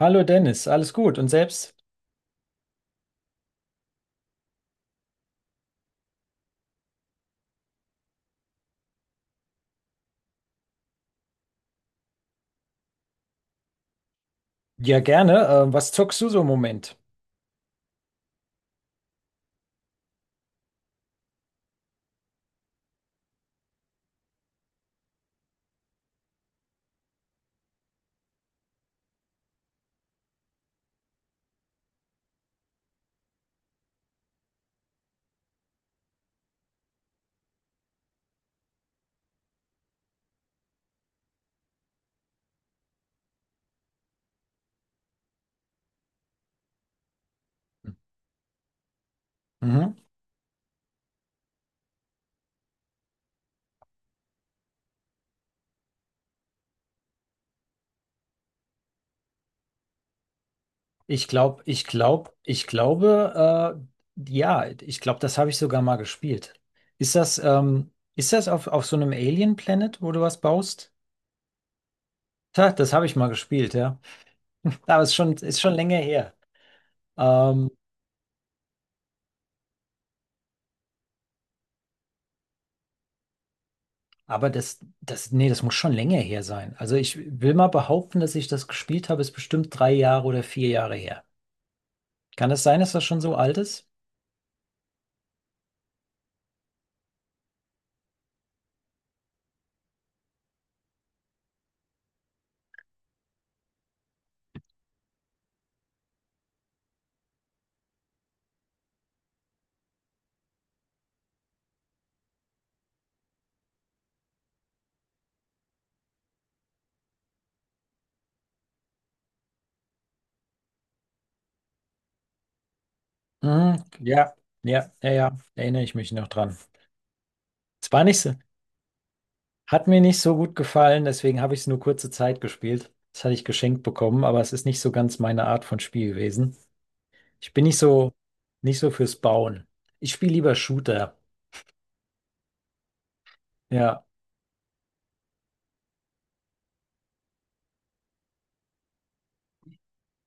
Hallo Dennis, alles gut und selbst? Ja, gerne. Was zockst du so im Moment? Mhm. Ich glaube, ich glaube, ich glaube, ja, ich glaube, das habe ich sogar mal gespielt. Ist das auf so einem Alien Planet, wo du was baust? Ha, das habe ich mal gespielt, ja. Aber es ist schon länger her. Ähm, aber das, das, nee, das muss schon länger her sein. Also ich will mal behaupten, dass ich das gespielt habe, ist bestimmt drei Jahre oder vier Jahre her. Kann das sein, dass das schon so alt ist? Mhm. Ja, ja, ja, ja, erinnere ich mich noch dran. Es war nicht so, hat mir nicht so gut gefallen, deswegen habe ich es nur kurze Zeit gespielt. Das hatte ich geschenkt bekommen, aber es ist nicht so ganz meine Art von Spiel gewesen. Ich bin nicht so, nicht so fürs Bauen. Ich spiele lieber Shooter. Ja,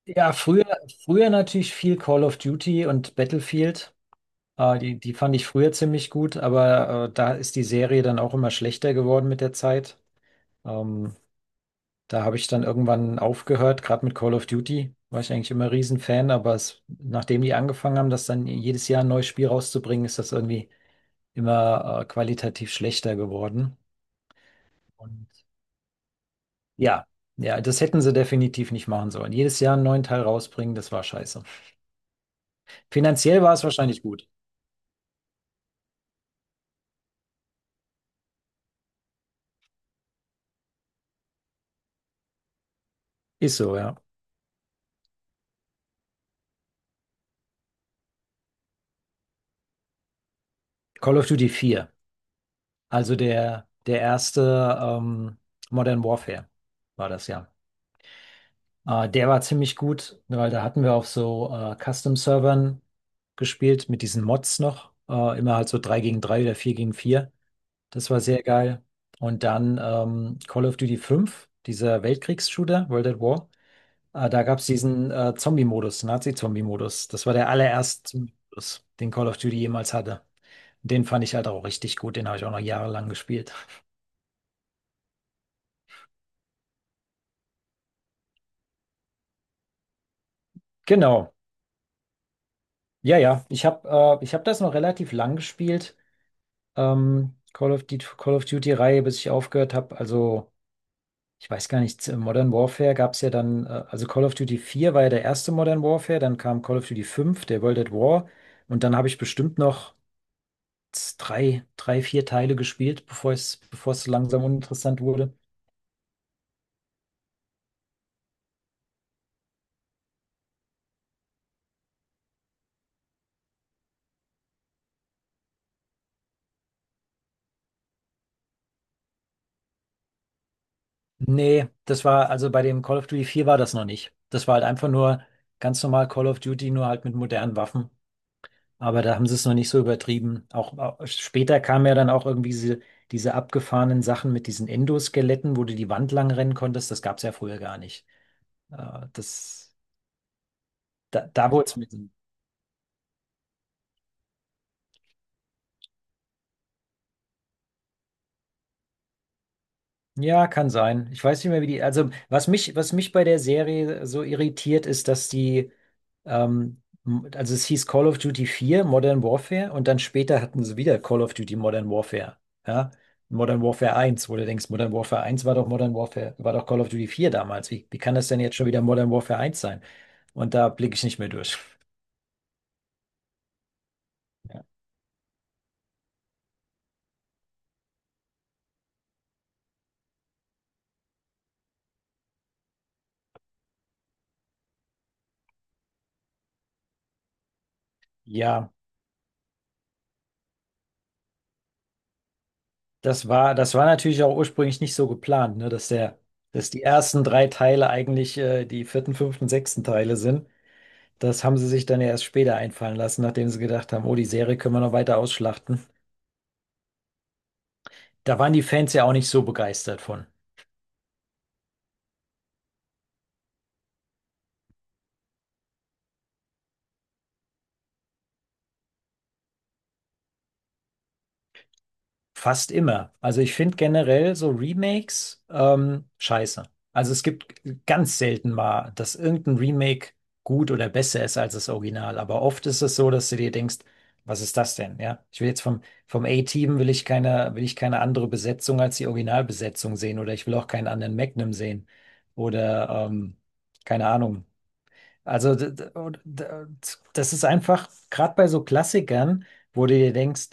ja, früher, früher natürlich viel Call of Duty und Battlefield. Die, die fand ich früher ziemlich gut, aber da ist die Serie dann auch immer schlechter geworden mit der Zeit. Ähm, Da habe ich dann irgendwann aufgehört, gerade mit Call of Duty war ich eigentlich immer Riesenfan, aber es, nachdem die angefangen haben, das dann jedes Jahr ein neues Spiel rauszubringen, ist das irgendwie immer qualitativ schlechter geworden. Und ja, ja, das hätten sie definitiv nicht machen sollen. Jedes Jahr einen neuen Teil rausbringen, das war scheiße. Finanziell war es wahrscheinlich gut. Ist so, ja. Call of Duty 4, also der, der erste Modern Warfare war das ja. Der war ziemlich gut, weil da hatten wir auf so Custom-Servern gespielt mit diesen Mods noch. Immer halt so 3 gegen 3 oder 4 gegen 4. Das war sehr geil. Und dann Call of Duty 5, dieser Weltkriegs-Shooter, World at War. Da gab es diesen Zombie-Modus, Nazi-Zombie-Modus. Das war der allererste Modus, den Call of Duty jemals hatte. Den fand ich halt auch richtig gut. Den habe ich auch noch jahrelang gespielt. Genau. Ja, ja. Ich hab das noch relativ lang gespielt. Call of Duty, Call of Duty-Reihe, bis ich aufgehört habe. Also, ich weiß gar nicht, Modern Warfare gab es ja dann, also Call of Duty 4 war ja der erste Modern Warfare, dann kam Call of Duty 5, der World at War, und dann habe ich bestimmt noch drei, drei, vier Teile gespielt, bevor es so langsam uninteressant wurde. Nee, das war, also bei dem Call of Duty 4 war das noch nicht. Das war halt einfach nur ganz normal Call of Duty, nur halt mit modernen Waffen. Aber da haben sie es noch nicht so übertrieben. Auch, auch später kamen ja dann auch irgendwie diese, diese abgefahrenen Sachen mit diesen Endoskeletten, wo du die Wand lang rennen konntest. Das gab es ja früher gar nicht. Äh, das, da wurde es mit. Ja, kann sein. Ich weiß nicht mehr, wie die. Also, was mich bei der Serie so irritiert, ist, dass die, also es hieß Call of Duty 4, Modern Warfare, und dann später hatten sie wieder Call of Duty Modern Warfare. Ja? Modern Warfare 1, wo du denkst, Modern Warfare 1 war doch Modern Warfare, war doch Call of Duty 4 damals. Wie, wie kann das denn jetzt schon wieder Modern Warfare 1 sein? Und da blicke ich nicht mehr durch. Ja. Das war natürlich auch ursprünglich nicht so geplant, ne, dass der, dass die ersten drei Teile eigentlich die vierten, fünften, sechsten Teile sind. Das haben sie sich dann ja erst später einfallen lassen, nachdem sie gedacht haben, oh, die Serie können wir noch weiter ausschlachten. Da waren die Fans ja auch nicht so begeistert von. Fast immer. Also ich finde generell so Remakes scheiße. Also es gibt ganz selten mal, dass irgendein Remake gut oder besser ist als das Original. Aber oft ist es so, dass du dir denkst, was ist das denn? Ja, ich will jetzt vom, vom A-Team will ich keine andere Besetzung als die Originalbesetzung sehen oder ich will auch keinen anderen Magnum sehen oder keine Ahnung. Also das ist einfach, gerade bei so Klassikern, wo du dir denkst,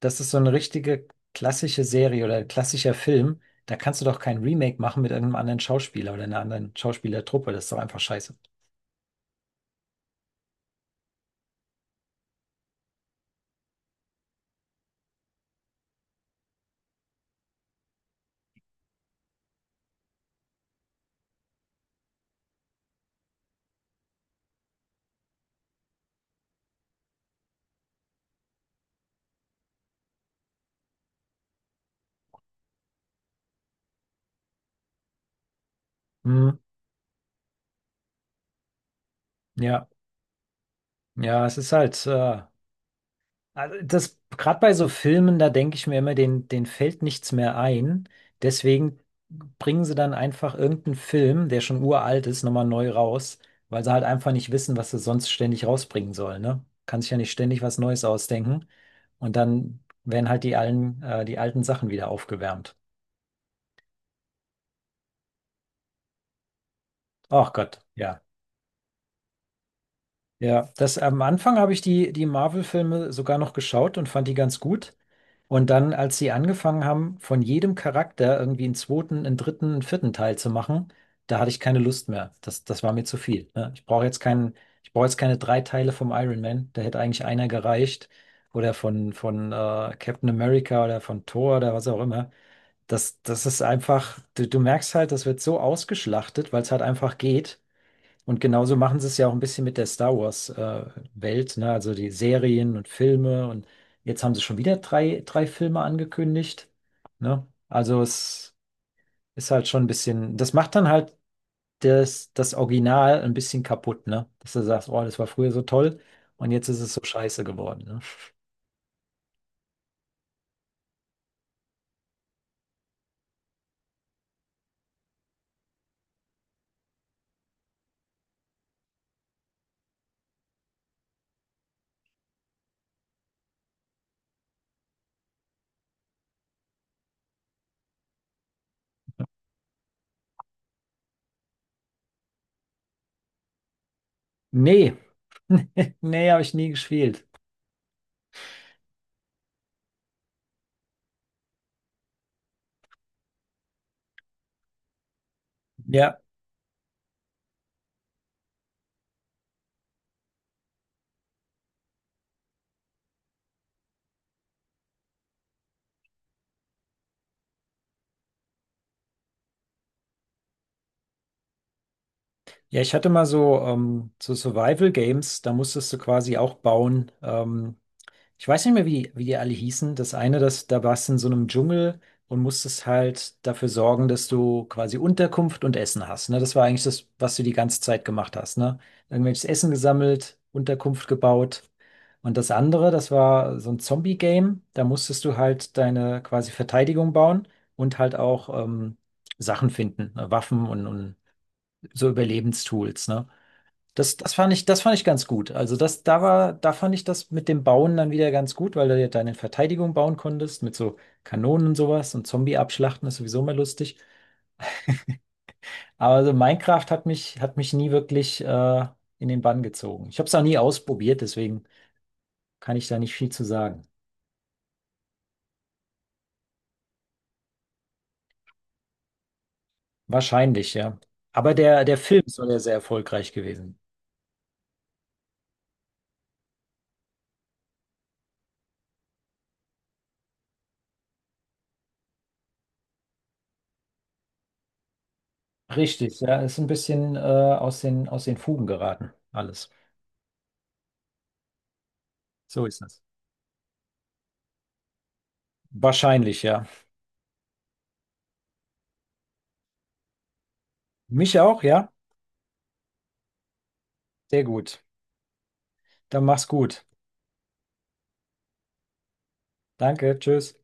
das ist so eine richtige klassische Serie oder ein klassischer Film. Da kannst du doch kein Remake machen mit einem anderen Schauspieler oder einer anderen Schauspielertruppe. Das ist doch einfach scheiße. Hm, ja, ja, es ist halt. Also das, gerade bei so Filmen, da denke ich mir immer, den, den fällt nichts mehr ein. Deswegen bringen sie dann einfach irgendeinen Film, der schon uralt ist, nochmal neu raus, weil sie halt einfach nicht wissen, was sie sonst ständig rausbringen sollen, ne? Kann sich ja nicht ständig was Neues ausdenken. Und dann werden halt die alten Sachen wieder aufgewärmt. Ach Gott, ja. Ja, das am Anfang habe ich die, die Marvel-Filme sogar noch geschaut und fand die ganz gut. Und dann, als sie angefangen haben, von jedem Charakter irgendwie einen zweiten, einen dritten, einen vierten Teil zu machen, da hatte ich keine Lust mehr. Das, das war mir zu viel. Ne? Ich brauche jetzt keinen, ich brauche jetzt keine drei Teile vom Iron Man. Da hätte eigentlich einer gereicht. Oder von Captain America oder von Thor oder was auch immer. Das, das ist einfach, du merkst halt, das wird so ausgeschlachtet, weil es halt einfach geht. Und genauso machen sie es ja auch ein bisschen mit der Star Wars Welt, ne? Also die Serien und Filme. Und jetzt haben sie schon wieder drei, drei Filme angekündigt, ne? Also es ist halt schon ein bisschen, das macht dann halt das, das Original ein bisschen kaputt, ne? Dass du sagst, oh, das war früher so toll und jetzt ist es so scheiße geworden, ne? Nee, nee, habe ich nie gespielt. Ja, ja, ich hatte mal so, so Survival Games, da musstest du quasi auch bauen. Ich weiß nicht mehr, wie die alle hießen. Das eine, das, da warst du in so einem Dschungel und musstest halt dafür sorgen, dass du quasi Unterkunft und Essen hast. Ne? Das war eigentlich das, was du die ganze Zeit gemacht hast. Ne? Irgendwelches Essen gesammelt, Unterkunft gebaut. Und das andere, das war so ein Zombie-Game. Da musstest du halt deine quasi Verteidigung bauen und halt auch Sachen finden, ne? Waffen und so Überlebenstools. Ne? Das, das fand ich ganz gut. Also das, da war, da fand ich das mit dem Bauen dann wieder ganz gut, weil du ja deine Verteidigung bauen konntest mit so Kanonen und sowas und Zombie abschlachten ist sowieso mal lustig. Aber so Minecraft hat mich nie wirklich in den Bann gezogen. Ich habe es auch nie ausprobiert, deswegen kann ich da nicht viel zu sagen. Wahrscheinlich, ja. Aber der, der Film soll ja sehr erfolgreich gewesen. Richtig, ja, ist ein bisschen aus den Fugen geraten, alles. So ist das. Wahrscheinlich, ja. Mich auch, ja. Sehr gut. Dann mach's gut. Danke, tschüss.